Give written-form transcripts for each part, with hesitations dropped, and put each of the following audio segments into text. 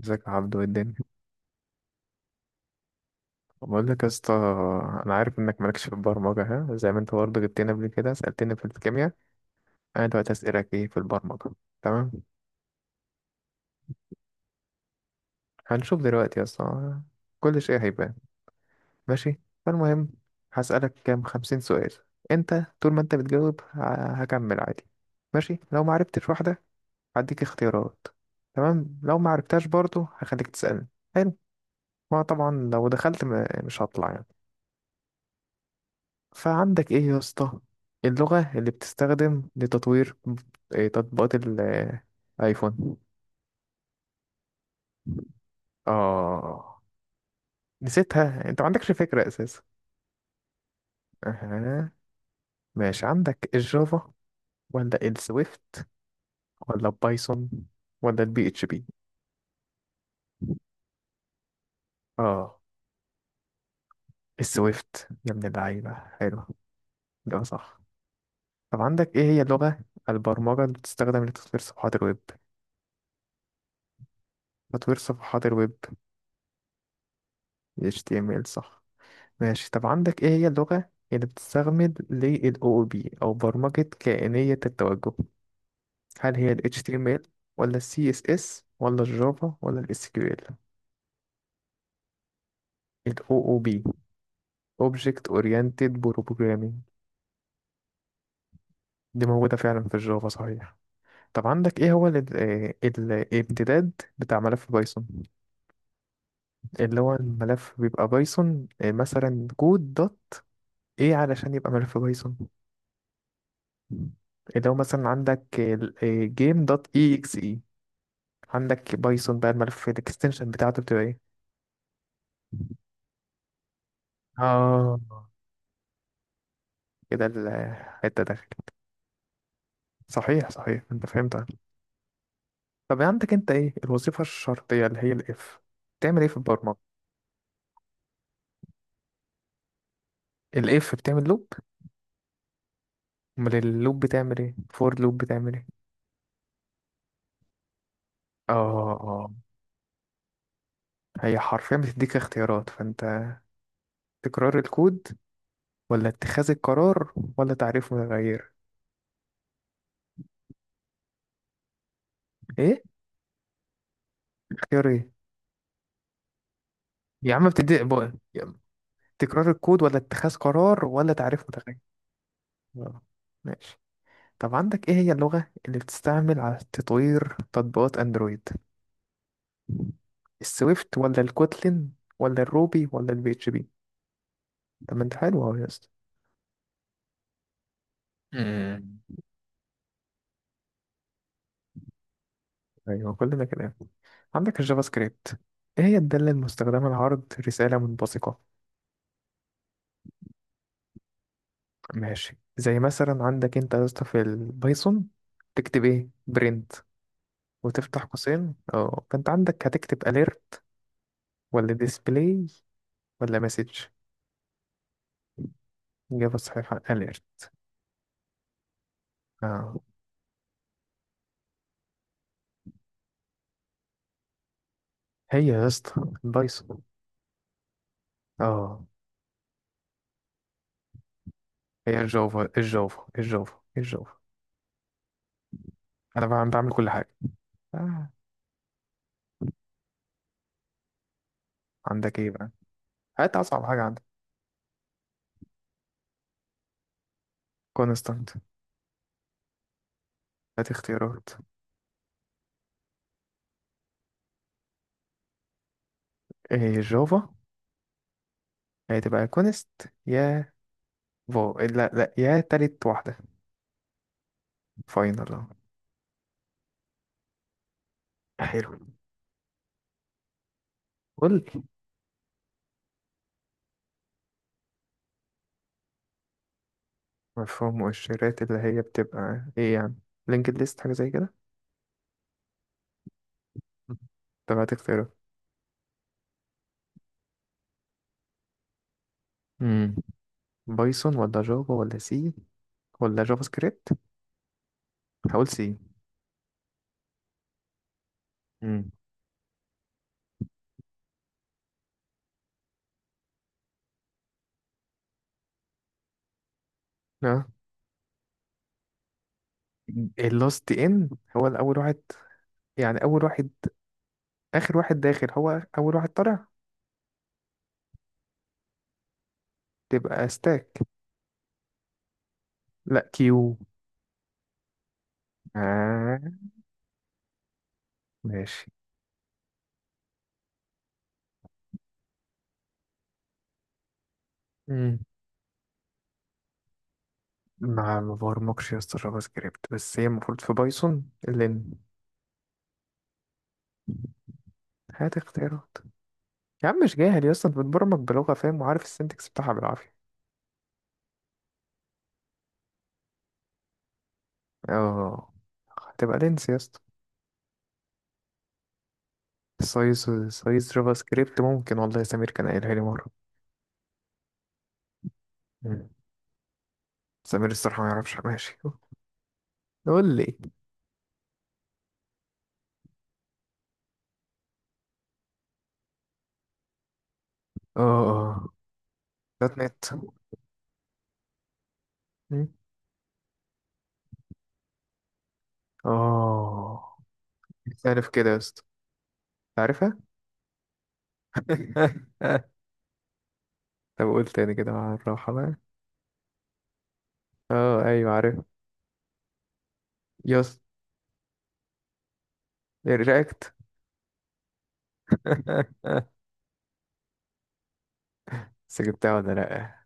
ازيك يا عبدو؟ ايه الدنيا؟ بقول لك يا اسطى، انا عارف انك مالكش في البرمجه، ها، زي ما انت برضه جبتني قبل كده سالتني في الكيمياء. انا دلوقتي اسالك ايه في البرمجه. تمام. هنشوف دلوقتي يا اسطى، كل شيء هيبان. ماشي. فالمهم، هسالك كام خمسين سؤال. انت طول ما انت بتجاوب هكمل عادي. ماشي، لو ما عرفتش واحده هديك اختيارات. تمام، لو ما عرفتهاش برضه هخليك تسالني. حلو. ما طبعا لو دخلت مش هطلع يعني. فعندك ايه يا اسطى؟ اللغة اللي بتستخدم لتطوير تطبيقات الايفون؟ اه. نسيتها؟ انت ما عندكش فكرة اساسا؟ اها. ماشي، عندك الجافا ولا السويفت ولا البايثون ولا البي اتش بي؟ اه. السويفت يا ابن اللعيبة، حلو. ده صح. طب عندك ايه هي لغة البرمجة اللي بتستخدم لتطوير صفحات الويب؟ تطوير صفحات الويب. HTML صح. ماشي، طب عندك ايه هي اللغة اللي بتستخدم لل OOP او برمجة كائنية التوجه؟ هل هي ال HTML ولا ال CSS ولا الجافا ولا ال SQL؟ ال OOP Object Oriented Programming. دي موجودة فعلا في الجافا صحيح. طب عندك ايه هو ال الامتداد بتاع ملف بايثون؟ اللي هو الملف بيبقى بايثون، مثلا كود دوت ايه علشان يبقى ملف بايثون؟ اللي هو مثلا عندك جيم دوت اي اكس. عندك بايثون بقى، الملف الاكستنشن بتاعته بتبقى ايه؟ اه، كده الحتة داخل. صحيح صحيح، انت فهمتها. طب عندك انت ايه الوظيفة الشرطية اللي هي الاف بتعمل ايه في البرمجة؟ الاف بتعمل لوب؟ امال اللوب بتعمل ايه؟ فور لوب بتعمل ايه؟ اه اه. هي حرفيا بتديك اختيارات، فانت تكرار الكود ولا اتخاذ القرار ولا تعريف متغير؟ ايه؟ اختيار ايه؟ يا عم بتدي بقى، تكرار الكود ولا اتخاذ قرار ولا تعريف متغير؟ آه، ماشي. طب عندك ايه هي اللغة اللي بتستعمل على تطوير تطبيقات اندرويد؟ السويفت ولا الكوتلين ولا الروبي ولا البي اتش بي؟ طب ما انت حلو اهو يا اسطى. مم. ايوه كلنا كده. عندك الجافا سكريبت، ايه هي الدالة المستخدمة لعرض رسالة منبثقة؟ ماشي، زي مثلا عندك انت يا اسطى في البايثون تكتب ايه؟ برنت وتفتح قوسين، اه. فانت عندك هتكتب اليرت ولا ديسبلاي ولا مسج؟ اجابة صحيحة اليرت. اه. هي يا اسطى البايثون. اه، هي الجافا الجافا الجافا الجافا. انا بعمل بعمل كل حاجه. آه. عندك ايه بقى؟ هات اصعب حاجه عندك. كونستانت. هات اختيارات. ايه الجافا؟ هتبقى كونست؟ يا فو، لا لا، يا تالت واحده. فاينل أهو. حلو. قول. مفهوم مؤشرات اللي هي بتبقى ايه يعني؟ لينكد ليست حاجه زي كده؟ مم. طب هات اختيارات. امم، بايثون ولا جافا ولا سي ولا جافا سكريبت؟ هقول سي. امم. اه، اللاست ان هو الاول واحد، يعني اول واحد اخر واحد داخل هو اول واحد طالع، تبقى ستاك، لا كيو. آه، ماشي. مم. ما ما برمجش يا اسطى جافا سكريبت، بس هي المفروض في بايثون لين. هات اختيارات. يا عم مش جاهل يا اسطى، انت بتبرمج بلغة فاهم وعارف السنتكس بتاعها بالعافية. اه، هتبقى لينس يا اسطى. سايز، سايز جافا سكريبت ممكن، والله سمير كان قايلها لي مرة. مم. سمير الصراحة ما يعرفش. ماشي، قول لي. اه اه. دوت نت. مم. اه، عارف كده يا اسطى، عارفها. طب قول تاني كده مع الراحة بقى. اه ايوه عارف. يا اسطى رياكت. بس جبتها ولا لأ؟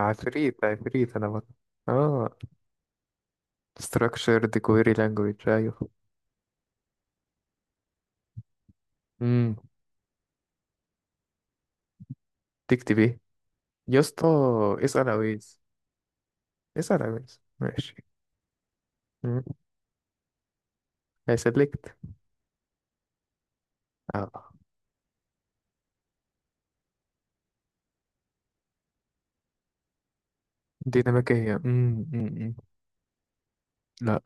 عفريت عفريت انا بقى. اه. structured query language، ايوه. امم. تكتب ايه يا اسطى؟ اسأل عويز، اسأل عويز ماشي. امم. هيسلكت. اه. ديناميكية، امم. لا.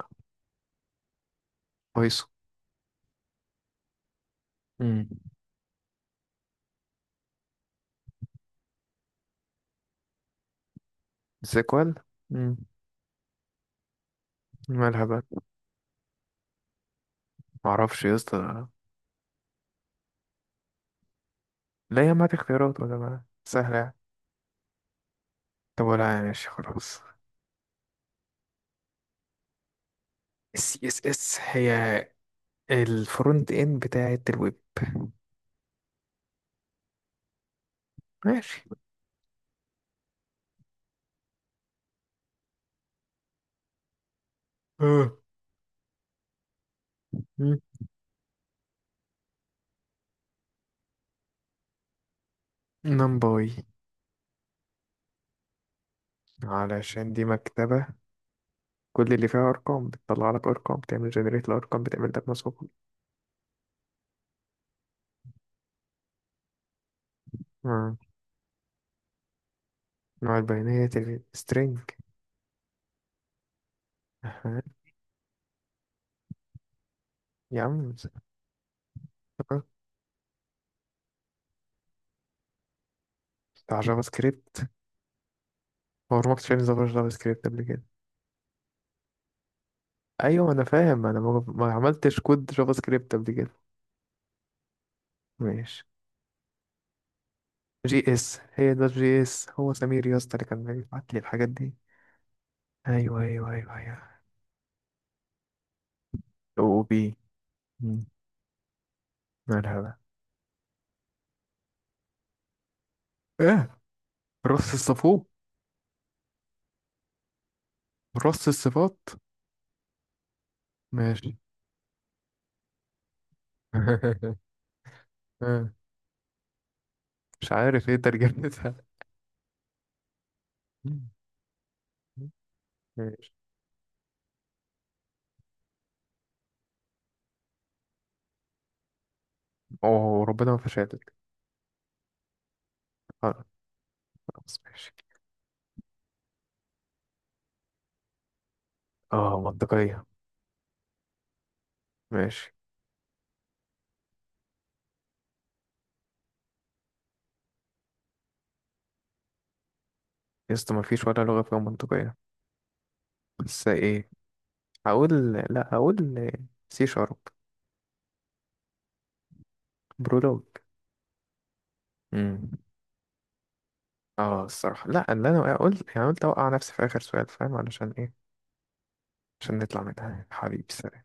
بايثون. امم. سيكوال. امم. مالها بقى؟ معرفش يا اسطى. لا يا ما اختيارات ولا ما سهلة يعني. طب ولا يعني، ماشي خلاص. السي اس اس هي الفرونت اند بتاعة الويب. ماشي. اه، نمباي. علشان دي مكتبة كل اللي فيها أرقام، بتطلع لك أرقام، بتعمل جنريت الأرقام، بتعمل لك مسحوق. آه. نوع البيانات السترينج. أها. يا عم. آه، بتاع جافا سكريبت. هو ما كنتش فاهم جافا سكريبت قبل كده. أيوة أنا فاهم، أنا ما عملتش كود جافا سكريبت قبل كده. ماشي. جي اس، هي ده جي اس، هو سمير يا اسطى اللي كان بيبعت لي الحاجات دي. ايوه ايوه ايوه ايوه. او بي. مالها بقى؟ ايه؟ رص الصفوف. رص الصفات. ماشي. آه، مش عارف ايه ترجمتها. مم. ماشي. اوه ربنا ما فشلتك. آه، خلاص ماشي. اه، منطقية. ماشي. يا اسطى ما فيش ولا لغة فيها منطقية، بس ايه، هقول، لا هقول سي شارب. برولوج. اه الصراحة لا، اللي انا قلت يعني قلت اوقع نفسي في اخر سؤال، فاهم علشان ايه؟ عشان نطلع منها حبيبي، سلام.